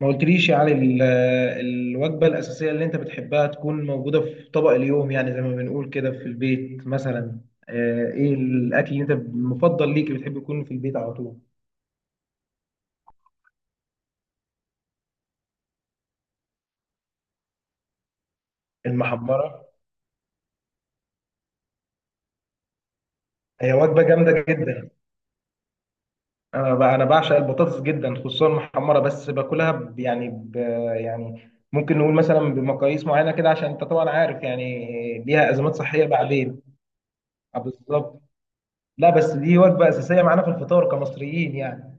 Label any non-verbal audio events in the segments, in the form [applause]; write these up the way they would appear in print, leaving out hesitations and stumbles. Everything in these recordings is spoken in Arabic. ما قلتليش يعني الوجبة الأساسية اللي أنت بتحبها تكون موجودة في طبق اليوم، يعني زي ما بنقول كده في البيت مثلا. إيه الأكل اللي أنت المفضل ليك اللي بتحب يكون في البيت على طول؟ المحمرة. هي وجبة جامدة جدا. أنا بعشق البطاطس جدا، خصوصا المحمرة، بس باكلها يعني يعني ممكن نقول مثلا بمقاييس معينة كده، عشان أنت طبعا عارف يعني ليها أزمات صحية بعدين. آه، بالظبط. لا، بس دي وجبة أساسية معانا في الفطار كمصريين يعني.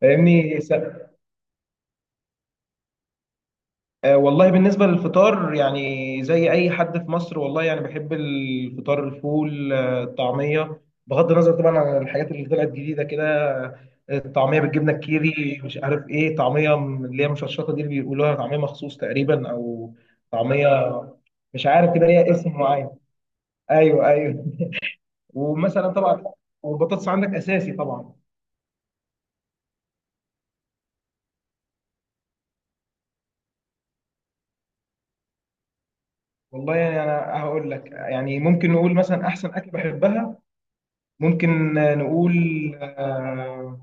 فاهمني؟ آه، والله بالنسبة للفطار يعني زي أي حد في مصر، والله يعني بحب الفطار، الفول، الطعمية، بغض النظر طبعا عن الحاجات اللي طلعت جديدة كده. آه، الطعمية بالجبنة الكيري، مش عارف إيه، طعمية من اللي هي مشطشطة دي اللي بيقولوها طعمية مخصوص تقريبا، أو طعمية، مش عارف كده ليها اسم معين. أيوه، أيوه. [laughs] ومثلا طبعا. والبطاطس عندك أساسي طبعا. والله يعني أنا هقول لك، يعني ممكن نقول مثلا أحسن أكل بحبها، ممكن نقول آه،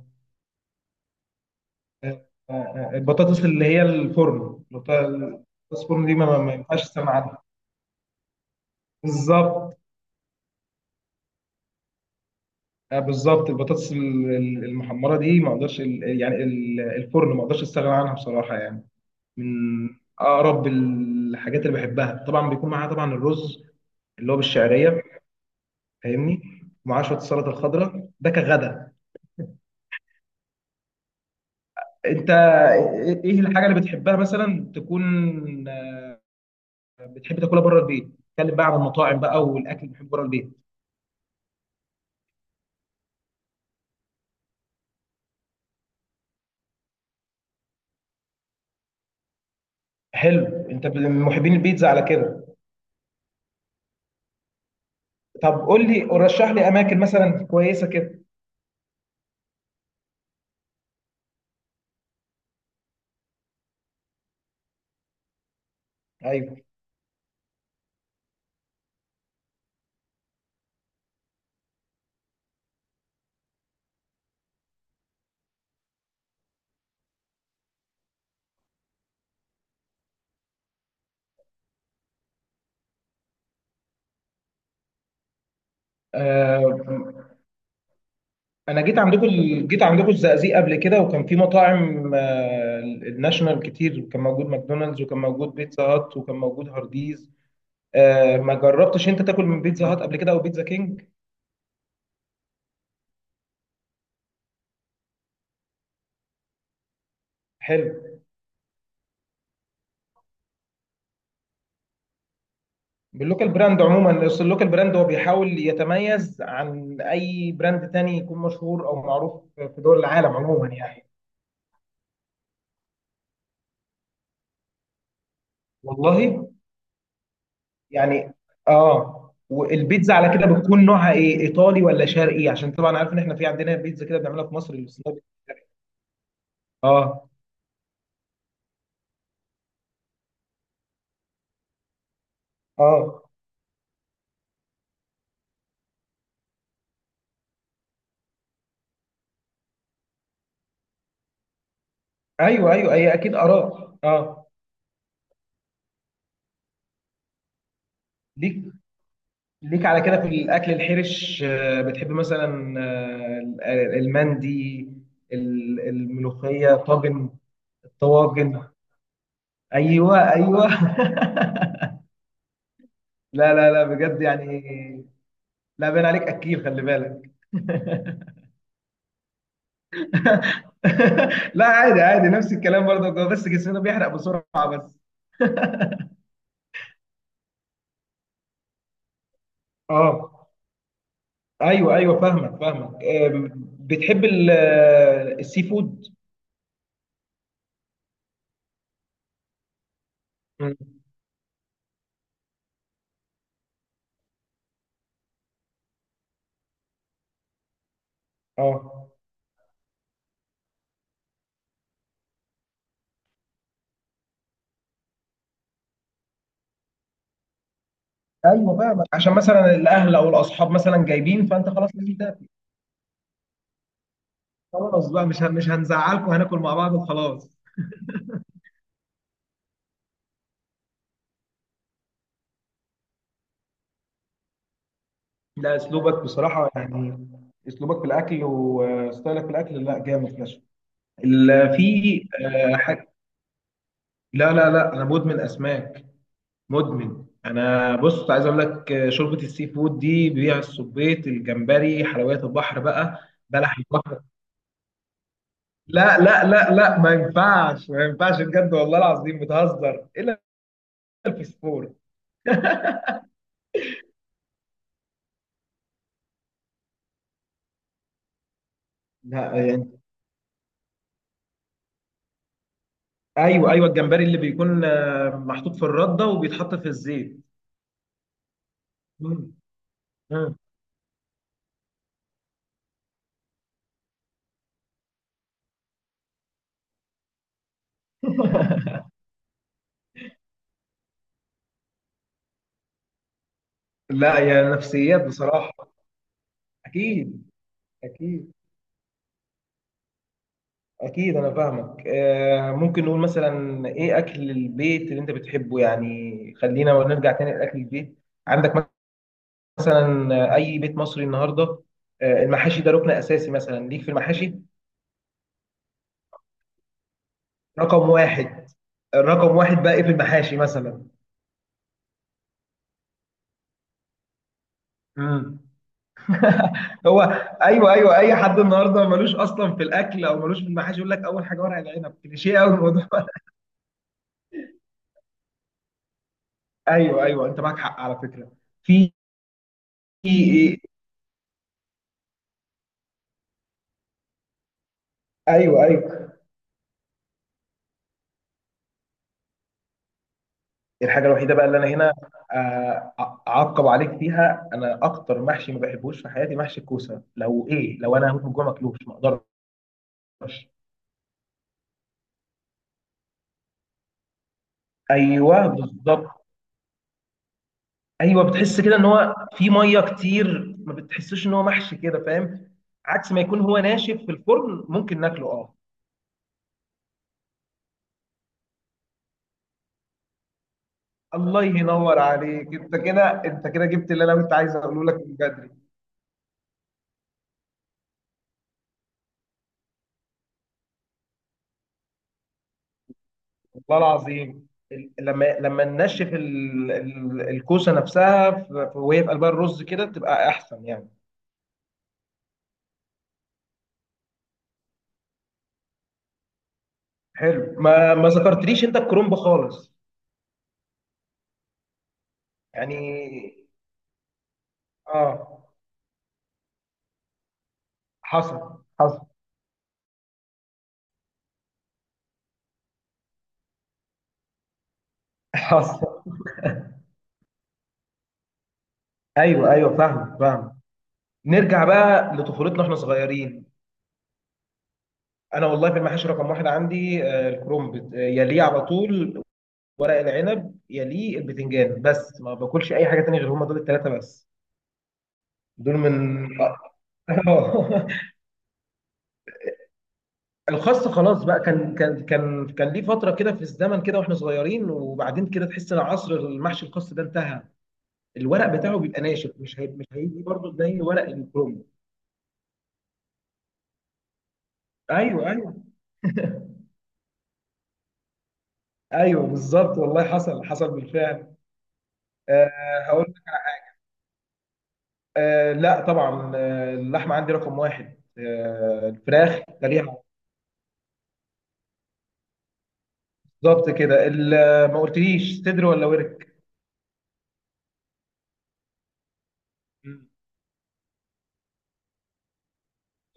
البطاطس اللي هي الفرن، البطاطس الفرن دي ما ينفعش استغنى عنها. بالظبط. آه، بالظبط، البطاطس المحمره دي ما اقدرش يعني الفرن، ما اقدرش استغنى عنها بصراحه يعني. من اقرب الحاجات اللي بحبها، طبعا بيكون معاها طبعا الرز اللي هو بالشعريه. فاهمني؟ ومعاه شويه السلطه الخضراء، ده كغدا. انت إيه الحاجه اللي بتحبها مثلا تكون، آه، بتحب تاكلها بره البيت؟ اتكلم بقى عن المطاعم بقى والاكل اللي بتحبه بره البيت. حلو، انت من محبين البيتزا على كده. طب قول لي، رشح لي اماكن مثلا كويسه كده. ايوه. آه، انا جيت عندكم الزقازيق قبل كده، وكان في مطاعم الناشونال كتير، وكان موجود ماكدونالدز، وكان موجود بيتزا هات، وكان موجود هارديز. آه، ما جربتش انت تاكل من بيتزا هات قبل كده او بيتزا كينج؟ حلو. باللوكال براند عموما، اصل اللوكال براند هو بيحاول يتميز عن اي براند تاني يكون مشهور او معروف في دول العالم عموما يعني. والله يعني. اه. والبيتزا على كده بتكون نوعها ايه، ايطالي ولا شرقي؟ عشان طبعا عارف ان احنا في عندنا بيتزا كده بنعملها في مصر اللي اسمها بيتزا شرقي. اه، اه. ايوه، ايوه، هي اكيد اراء. اه. ليك. ليك على كده في الاكل الحرش، بتحب مثلا المندي، الملوخيه، طاجن. الطواجن. ايوه، ايوه. [laughs] لا، لا، لا، بجد يعني. لا، باين عليك اكيل، خلي بالك. [laughs] [laughs] لا، عادي، عادي، نفس الكلام برضه، هو بس جسمنا بيحرق بسرعة بس. اه. ايوه، ايوه، فاهمك، فاهمك. بتحب السي فود. مم. اه. ايوه، فاهمك، عشان مثلا الاهل او الاصحاب مثلا جايبين، فانت خلاص لازم تاكل. خلاص بقى، مش هنزعلكم، هناكل مع بعض وخلاص. لا، اسلوبك بصراحه يعني، اسلوبك في الاكل وستايلك في الاكل، لا جامد فشخ. في حاجه. لا، لا، لا، انا مدمن اسماك. مدمن، انا بص عايز اقول لك شوربه السي فود دي بيها الصبيط، الجمبري، حلويات البحر بقى، بلح البحر. لا، لا، لا، لا، ما ينفعش، ما ينفعش بجد، والله العظيم بتهزر الا. الفسفور. لا يعني. ايوه، ايوه، الجمبري اللي بيكون محطوط في الرده وبيتحط في الزيت. مم. مم. لا، يا نفسيات بصراحه. اكيد، اكيد. أكيد أنا فاهمك، ممكن نقول مثلا إيه أكل البيت اللي أنت بتحبه، يعني خلينا نرجع تاني لأكل البيت عندك مثلا، أي بيت مصري النهاردة، المحاشي ده ركن أساسي مثلا ليك في المحاشي. رقم واحد. رقم واحد بقى إيه في المحاشي مثلا؟ مم. [laughs] هو أيوه، أيوه، أي حد النهاردة ملوش أصلا في الأكل أو ملوش في المحاشي يقول لك أول حاجة ورق العنب، كليشيه أوي الموضوع. [laughs] ايوه، ايوه، انت معاك حق على فكره. في في- ايوه، ايوه، الحاجه الوحيده بقى اللي انا هنا اعقب عليك فيها، انا اكتر محشي ما بحبوش في حياتي محشي الكوسه، لو انا هموت من الجوع ماكلوش ما اقدرش. ايوه بالظبط. ايوه، بتحس كده ان هو في ميه كتير، ما بتحسش ان هو محشي كده، فاهم؟ عكس ما يكون هو ناشف في الفرن ممكن ناكله، اه. الله ينور عليك، انت كده انت كده جبت اللي انا كنت عايز اقوله لك من بدري. والله العظيم لما ننشف الكوسه نفسها وهي في قلبها الرز كده تبقى احسن يعني. حلو، ما ذكرتليش انت الكرنب خالص. يعني. اه. حصل. حصل. [laughs] حصل. ايوه، ايوه، فاهم، فاهم. نرجع بقى لطفولتنا واحنا صغيرين. انا والله في المحاشي رقم واحد عندي الكرنب، يليه على طول ورق العنب، يليه البتنجان، بس ما باكلش اي حاجه تانية غير هما دول الثلاثه بس. دول من. [laughs] الخاص خلاص بقى، كان ليه فتره كده في الزمن كده واحنا صغيرين، وبعدين كده تحس ان عصر المحشي الخاص ده انتهى. الورق بتاعه بيبقى ناشف، مش هيجي برضه زي ورق الكروم. ايوه، ايوه. ايوه بالظبط، والله حصل، حصل بالفعل. أه، هقول لك. أه، لا طبعا، اللحمه عندي رقم واحد، الفراخ تاريخ. بالظبط كده، ما قلتليش صدر ولا ورك. مم.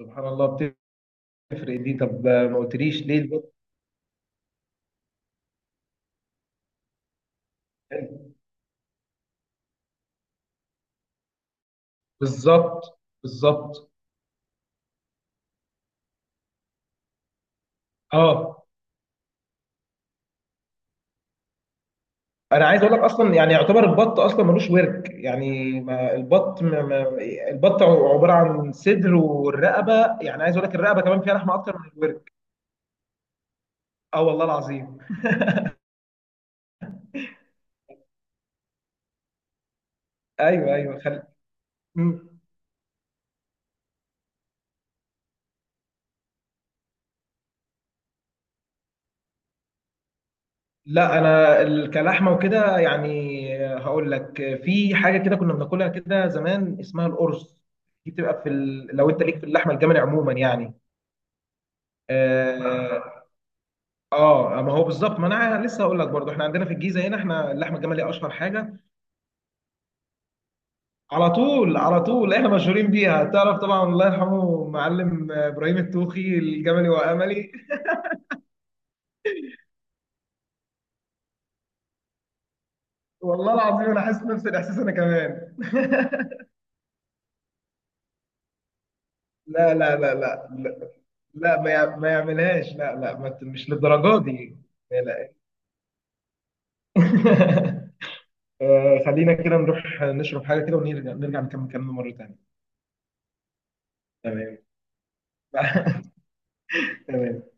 سبحان الله. بتفرق دي، طب ما قلتليش ليه؟ بالظبط، بالظبط. اه، انا عايز اقول لك اصلا، يعني يعتبر البط اصلا ملوش ورك، يعني ما البط ما. البط عباره عن صدر والرقبه، يعني عايز اقول لك الرقبه كمان فيها لحمه اكتر من الورك. اه، والله العظيم. ايوه، ايوه. مم. لا، انا كلحمه وكده يعني، هقول لك. في حاجه كده كنا بناكلها كده زمان اسمها القرص، دي بتبقى لو انت ليك في اللحمه الجملي عموما يعني. اه. ما هو بالظبط، ما انا لسه هقول لك برضو احنا عندنا في الجيزه هنا، احنا اللحمه الجملي اشهر حاجه. على طول، على طول احنا مشهورين بيها، تعرف طبعا الله يرحمه معلم ابراهيم التوخي، الجملي واملي. والله العظيم انا حاسس نفس الاحساس انا كمان. لا، لا، لا، لا، لا. لا، ما يعملهاش، لا، لا، ما ت- مش للدرجه دي. لا، لا. [laughs] خلينا كده نروح نشرب حاجه كده، ونرجع نرجع نكمل كلامنا مره تانيه. تمام. [laughs] تمام.